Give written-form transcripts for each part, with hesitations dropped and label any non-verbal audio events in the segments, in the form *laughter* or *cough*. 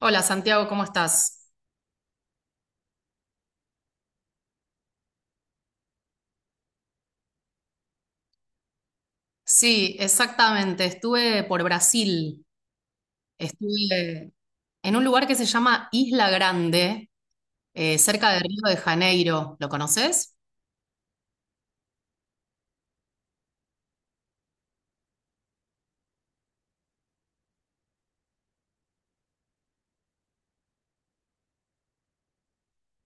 Hola Santiago, ¿cómo estás? Sí, exactamente. Estuve por Brasil. Estuve en un lugar que se llama Isla Grande, cerca de Río de Janeiro. ¿Lo conoces?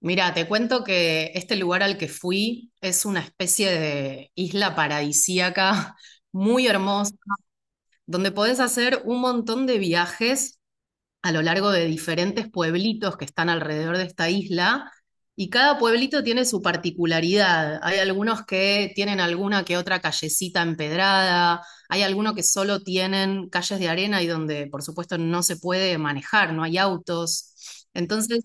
Mira, te cuento que este lugar al que fui es una especie de isla paradisíaca *laughs* muy hermosa, donde podés hacer un montón de viajes a lo largo de diferentes pueblitos que están alrededor de esta isla. Y cada pueblito tiene su particularidad. Hay algunos que tienen alguna que otra callecita empedrada, hay algunos que solo tienen calles de arena y donde, por supuesto, no se puede manejar, no hay autos. Entonces,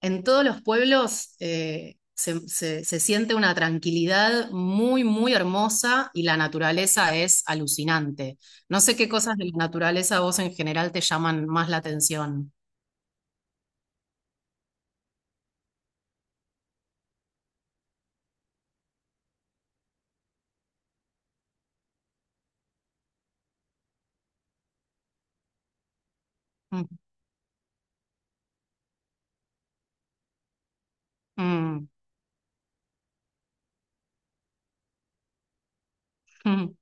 en todos los pueblos se siente una tranquilidad muy, muy hermosa y la naturaleza es alucinante. No sé qué cosas de la naturaleza a vos en general te llaman más la atención. Mm, mm, *laughs* mm.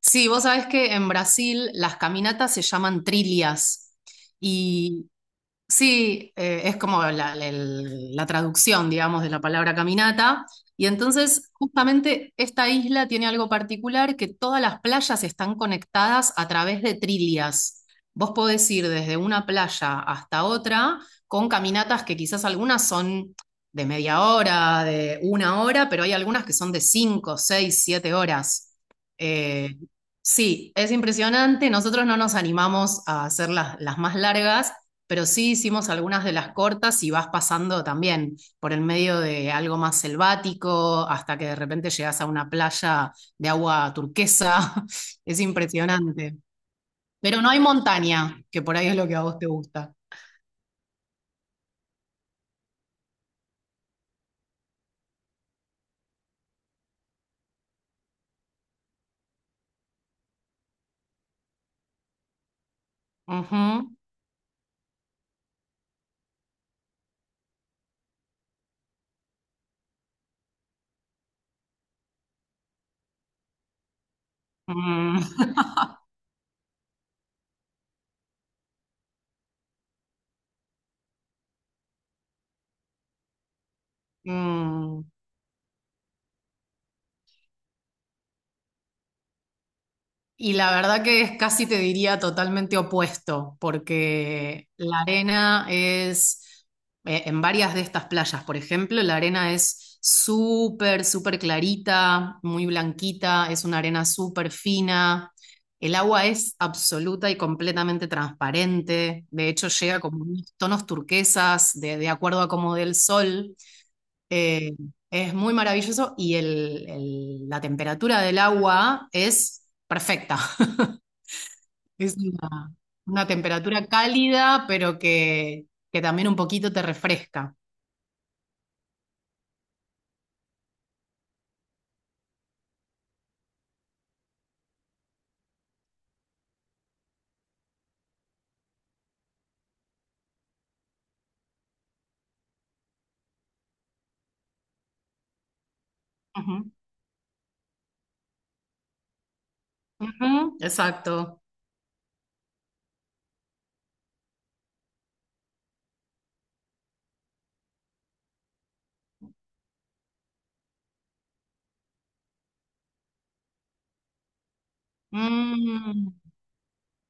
Sí, vos sabés que en Brasil las caminatas se llaman trilhas y sí, es como la traducción, digamos, de la palabra caminata. Y entonces, justamente esta isla tiene algo particular, que todas las playas están conectadas a través de trilias. Vos podés ir desde una playa hasta otra con caminatas que quizás algunas son de media hora, de una hora, pero hay algunas que son de cinco, seis, siete horas. Eh, sí, es impresionante. Nosotros no nos animamos a hacer las más largas, pero sí hicimos algunas de las cortas y vas pasando también por el medio de algo más selvático hasta que de repente llegas a una playa de agua turquesa. *laughs* Es impresionante. Pero no hay montaña, que por ahí es lo que a vos te gusta. Ujú. Mm. *laughs* Mm. Y la verdad que es, casi te diría, totalmente opuesto, porque la arena es, en varias de estas playas, por ejemplo, la arena es súper, súper clarita, muy blanquita, es una arena súper fina, el agua es absoluta y completamente transparente, de hecho llega como unos tonos turquesas, de acuerdo a cómo dé el sol. eh, es muy maravilloso y la temperatura del agua es perfecta. Es una temperatura cálida, pero que también un poquito te refresca. Ujú, ujú, exacto. Mm,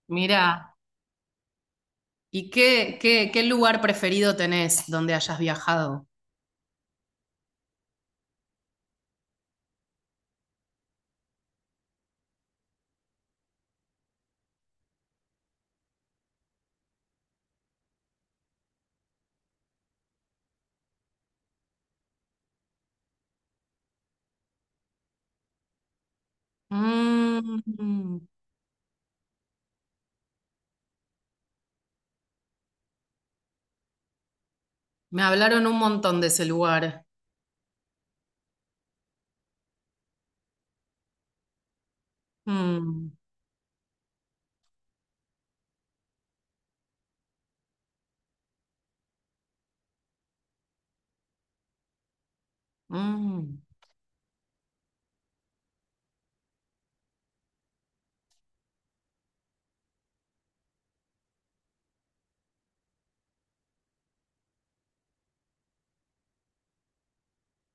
mira, ¿y qué, qué, qué lugar preferido tenés donde hayas viajado? Mm, me hablaron un montón de ese lugar. Mm, mm,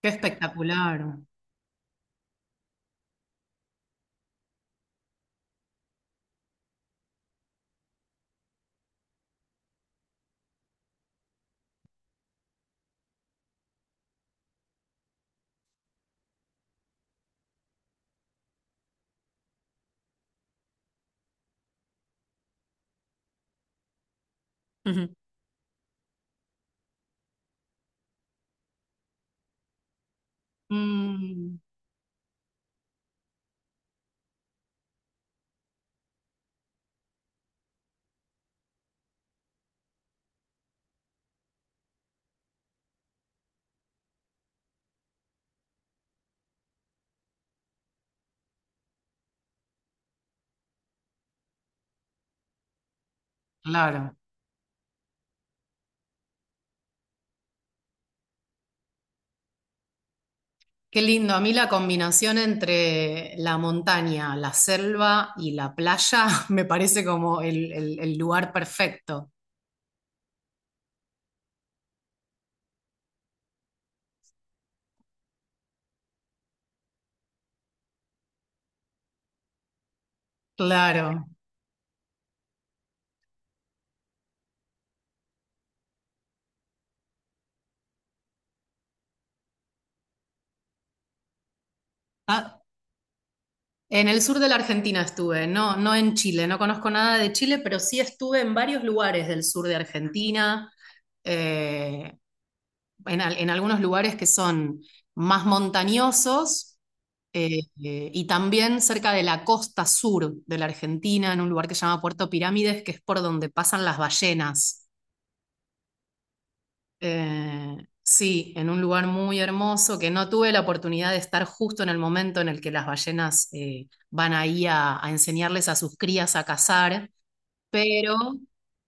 qué espectacular. Ujú. Mm, claro. Qué lindo, a mí la combinación entre la montaña, la selva y la playa *laughs* me parece como el lugar perfecto. Claro. Ah, en el sur de la Argentina estuve, no, no en Chile, no conozco nada de Chile, pero sí estuve en varios lugares del sur de Argentina, eh, en, en algunos lugares que son más montañosos. Y también cerca de la costa sur de la Argentina, en un lugar que se llama Puerto Pirámides, que es por donde pasan las ballenas. Eh, sí, en un lugar muy hermoso que no tuve la oportunidad de estar justo en el momento en el que las ballenas van ahí a enseñarles a sus crías a cazar, pero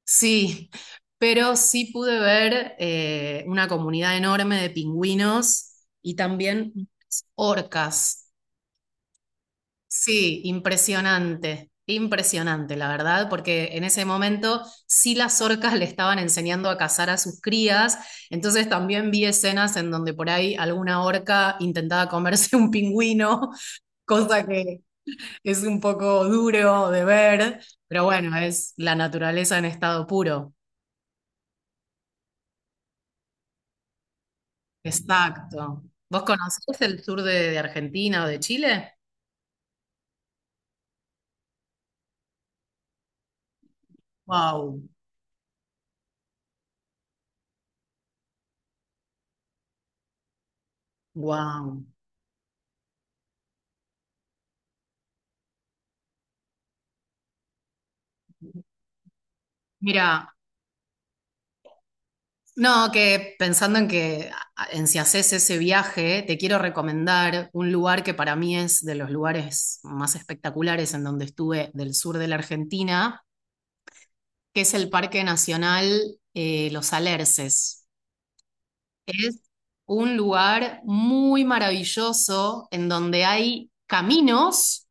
sí, *laughs* pero sí pude ver una comunidad enorme de pingüinos y también orcas. Sí, impresionante, impresionante, la verdad, porque en ese momento sí las orcas le estaban enseñando a cazar a sus crías, entonces también vi escenas en donde por ahí alguna orca intentaba comerse un pingüino, *laughs* cosa que es un poco duro de ver, pero bueno, es la naturaleza en estado puro. Exacto. ¿Vos conocés el sur de Argentina o de Chile? Wow, wow. Mira. No, que pensando en que, en si haces ese viaje, te quiero recomendar un lugar que para mí es de los lugares más espectaculares en donde estuve del sur de la Argentina, que es el Parque Nacional Los Alerces. Es un lugar muy maravilloso en donde hay caminos,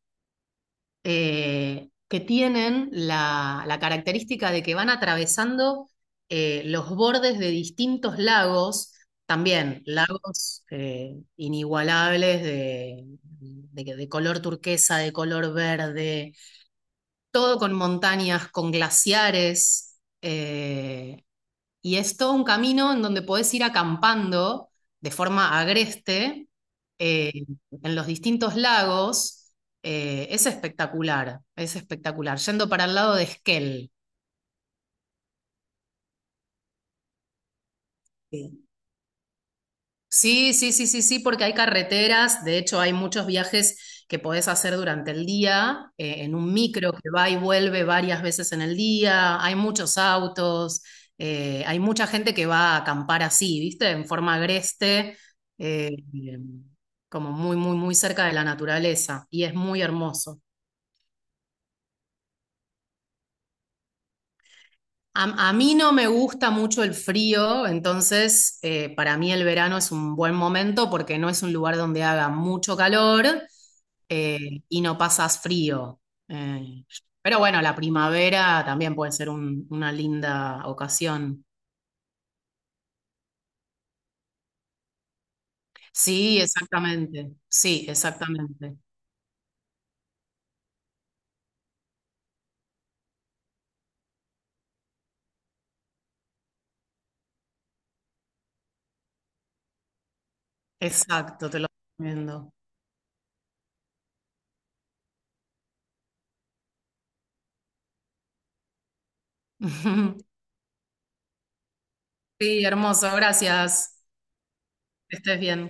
que tienen la, característica de que van atravesando los bordes de distintos lagos, también lagos inigualables de, de color turquesa, de color verde, todo con montañas, con glaciares. Y es todo un camino en donde podés ir acampando de forma agreste eh, en los distintos lagos. Es espectacular, es espectacular. Yendo para el lado de Esquel. Sí, sí, sí, sí, sí, porque hay carreteras, de hecho hay muchos viajes que podés hacer durante el día, en un micro que va y vuelve varias veces en el día, hay muchos autos, hay mucha gente que va a acampar así, ¿viste? En forma agreste, eh, como muy, muy, muy cerca de la naturaleza, y es muy hermoso. A mí no me gusta mucho el frío, entonces para mí el verano es un buen momento porque no es un lugar donde haga mucho calor, eh, y no pasas frío. Eh, pero bueno, la primavera también puede ser una linda ocasión. Sí, exactamente. Sí, exactamente. Exacto, te lo recomiendo. *laughs* Sí, hermoso, gracias. Que estés bien.